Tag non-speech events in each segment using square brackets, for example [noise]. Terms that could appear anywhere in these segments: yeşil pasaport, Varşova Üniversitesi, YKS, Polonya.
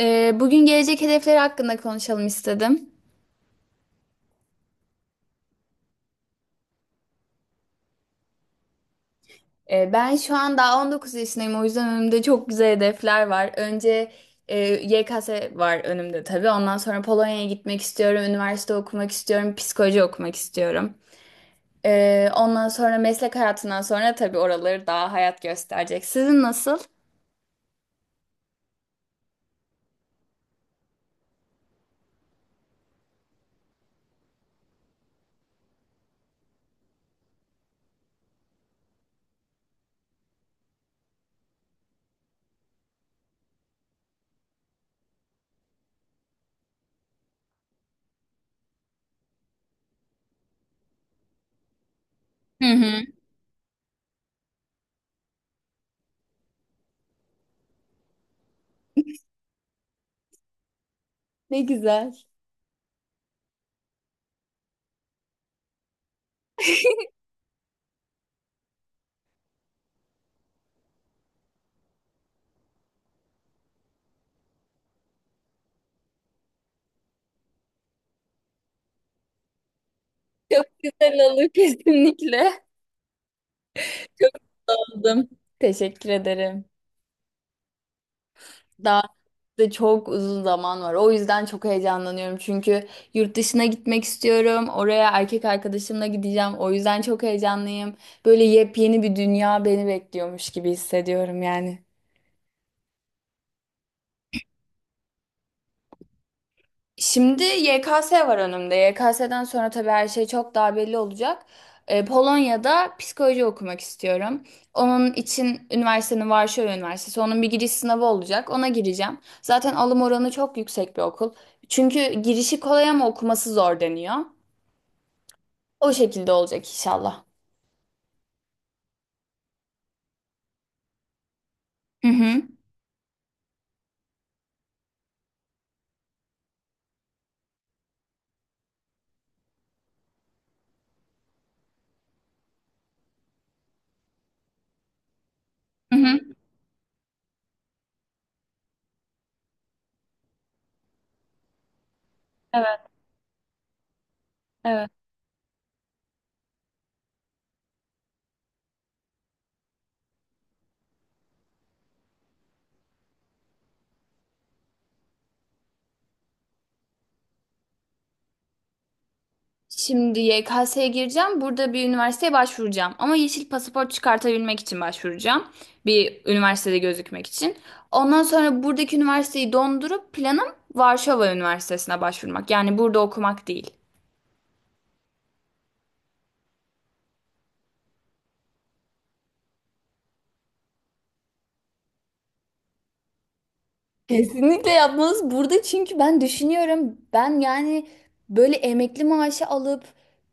Bugün gelecek hedefleri hakkında konuşalım istedim. Ben şu an daha 19 yaşındayım o yüzden önümde çok güzel hedefler var. Önce e, YKS var önümde tabii. Ondan sonra Polonya'ya gitmek istiyorum, üniversite okumak istiyorum, psikoloji okumak istiyorum. Ondan sonra meslek hayatından sonra tabii oraları daha hayat gösterecek. Sizin nasıl? Hı hı. Ne güzel. Çok güzel olur kesinlikle. Çok oldum. Teşekkür ederim. Daha de çok uzun zaman var. O yüzden çok heyecanlanıyorum. Çünkü yurt dışına gitmek istiyorum. Oraya erkek arkadaşımla gideceğim. O yüzden çok heyecanlıyım. Böyle yepyeni bir dünya beni bekliyormuş gibi hissediyorum yani. Şimdi YKS var önümde. YKS'den sonra tabii her şey çok daha belli olacak. Polonya'da psikoloji okumak istiyorum. Onun için üniversitenin Varşova Üniversitesi. Onun bir giriş sınavı olacak. Ona gireceğim. Zaten alım oranı çok yüksek bir okul. Çünkü girişi kolay ama okuması zor deniyor. O şekilde olacak inşallah. Hı hı. Hı hı. Evet, evet. Şimdi YKS'ye gireceğim. Burada bir üniversiteye başvuracağım. Ama yeşil pasaport çıkartabilmek için başvuracağım. Bir üniversitede gözükmek için. Ondan sonra buradaki üniversiteyi dondurup planım Varşova Üniversitesi'ne başvurmak. Yani burada okumak değil. Kesinlikle yapmanız burada çünkü ben düşünüyorum. Ben yani böyle emekli maaşı alıp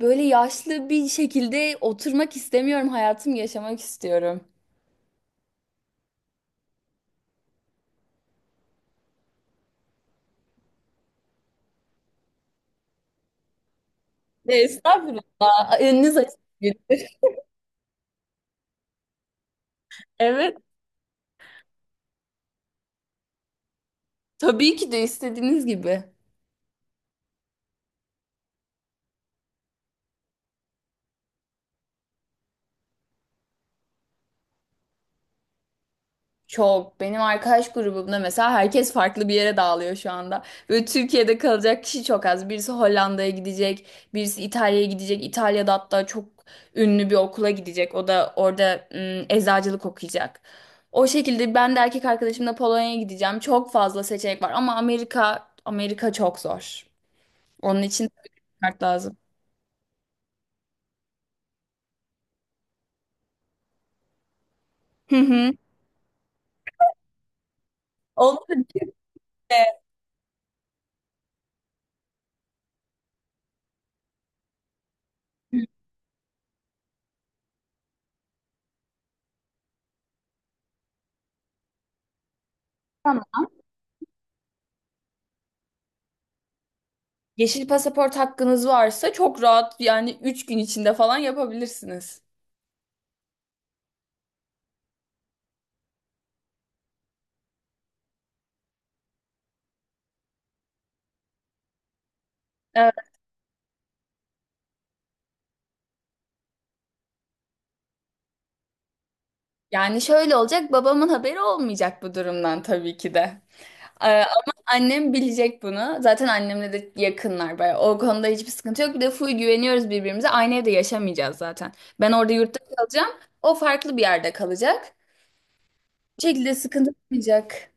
böyle yaşlı bir şekilde oturmak istemiyorum. Hayatımı yaşamak istiyorum. Ne estağfurullah. Önünüz açık. Güldür. Evet. Tabii ki de istediğiniz gibi. Çok. Benim arkadaş grubumda mesela herkes farklı bir yere dağılıyor şu anda. Böyle Türkiye'de kalacak kişi çok az. Birisi Hollanda'ya gidecek, birisi İtalya'ya gidecek. İtalya'da hatta çok ünlü bir okula gidecek. O da orada eczacılık okuyacak. O şekilde ben de erkek arkadaşımla Polonya'ya gideceğim. Çok fazla seçenek var ama Amerika Amerika çok zor. Onun için şart lazım. Hı hı. Olur. Tamam. Yeşil pasaport hakkınız varsa çok rahat yani 3 gün içinde falan yapabilirsiniz. Evet. Yani şöyle olacak babamın haberi olmayacak bu durumdan tabii ki de. Ama annem bilecek bunu. Zaten annemle de yakınlar bayağı. O konuda hiçbir sıkıntı yok. Bir de full güveniyoruz birbirimize. Aynı evde yaşamayacağız zaten. Ben orada yurtta kalacağım. O farklı bir yerde kalacak. Bu şekilde sıkıntı olmayacak.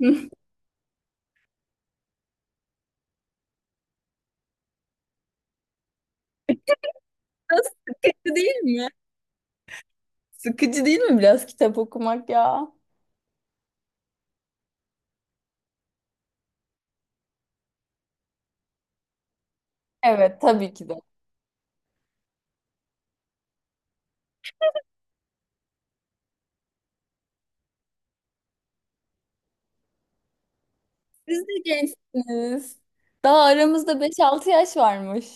[laughs] Biraz sıkıcı değil mi? Sıkıcı değil mi biraz kitap okumak ya? Evet tabii ki de. Siz de gençsiniz. Daha aramızda 5-6 yaş varmış.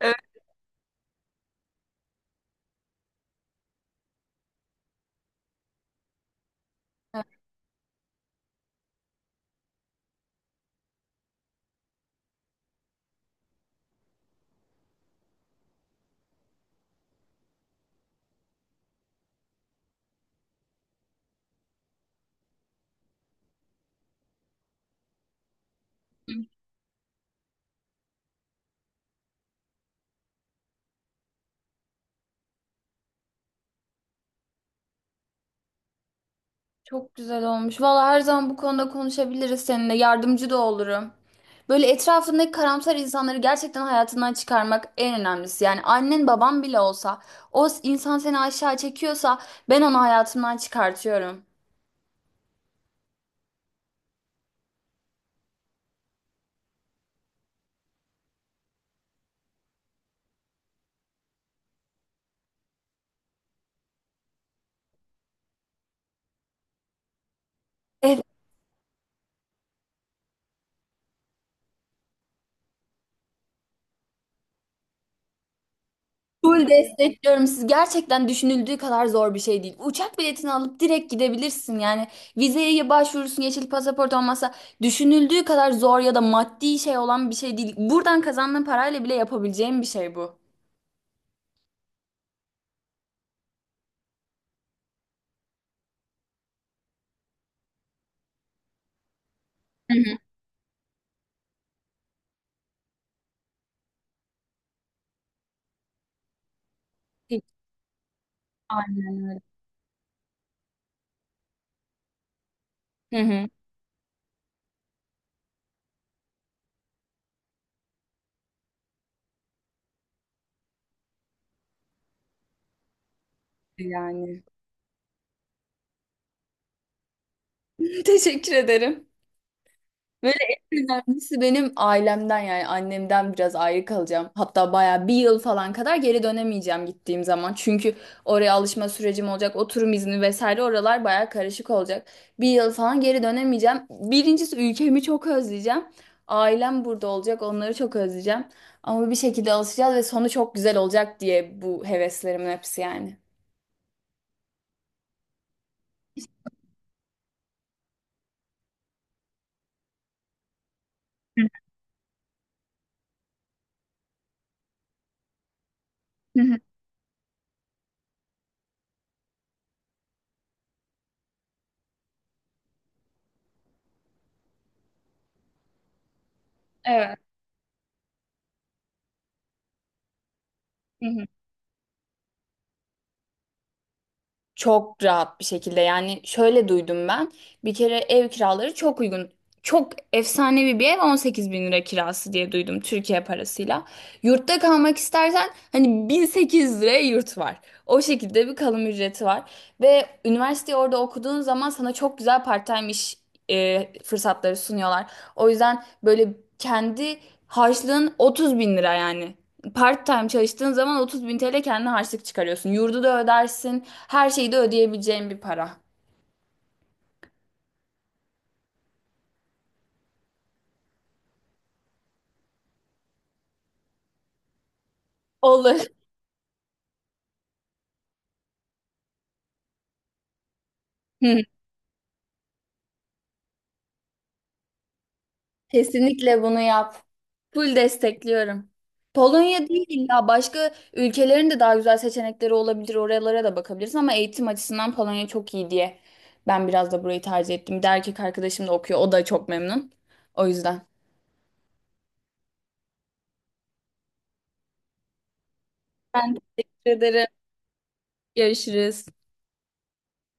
Evet. Çok güzel olmuş. Valla her zaman bu konuda konuşabiliriz seninle. Yardımcı da olurum. Böyle etrafındaki karamsar insanları gerçekten hayatından çıkarmak en önemlisi. Yani annen baban bile olsa o insan seni aşağı çekiyorsa ben onu hayatımdan çıkartıyorum. Full destekliyorum. Siz gerçekten düşünüldüğü kadar zor bir şey değil. Uçak biletini alıp direkt gidebilirsin. Yani vizeye başvurursun, yeşil pasaport olmasa düşünüldüğü kadar zor ya da maddi şey olan bir şey değil. Buradan kazandığın parayla bile yapabileceğin bir şey bu. Hı hı. Aynen öyle. Hı hı. Yani. [laughs] Teşekkür ederim. Böyle en önemlisi benim ailemden yani annemden biraz ayrı kalacağım. Hatta baya bir yıl falan kadar geri dönemeyeceğim gittiğim zaman. Çünkü oraya alışma sürecim olacak, oturum izni vesaire oralar baya karışık olacak. Bir yıl falan geri dönemeyeceğim. Birincisi ülkemi çok özleyeceğim. Ailem burada olacak, onları çok özleyeceğim. Ama bir şekilde alışacağız ve sonu çok güzel olacak diye bu heveslerimin hepsi yani. Hı hı. Evet. Hı hı. Çok rahat bir şekilde yani şöyle duydum ben, bir kere ev kiraları çok uygun, çok efsanevi bir ev 18 bin lira kirası diye duydum Türkiye parasıyla. Yurtta kalmak istersen hani 1.008 liraya yurt var, o şekilde bir kalım ücreti var. Ve üniversiteyi orada okuduğun zaman sana çok güzel part-time iş fırsatları sunuyorlar. O yüzden böyle kendi harçlığın 30 bin lira yani part time çalıştığın zaman 30 bin TL kendine harçlık çıkarıyorsun. Yurdu da ödersin. Her şeyi de ödeyebileceğin bir para. Olur. [laughs] Hı. Kesinlikle bunu yap. Full destekliyorum. Polonya değil illa başka ülkelerin de daha güzel seçenekleri olabilir. Oralara da bakabilirsin ama eğitim açısından Polonya çok iyi diye ben biraz da burayı tercih ettim. Bir de erkek arkadaşım da okuyor. O da çok memnun. O yüzden. Ben teşekkür ederim. Görüşürüz.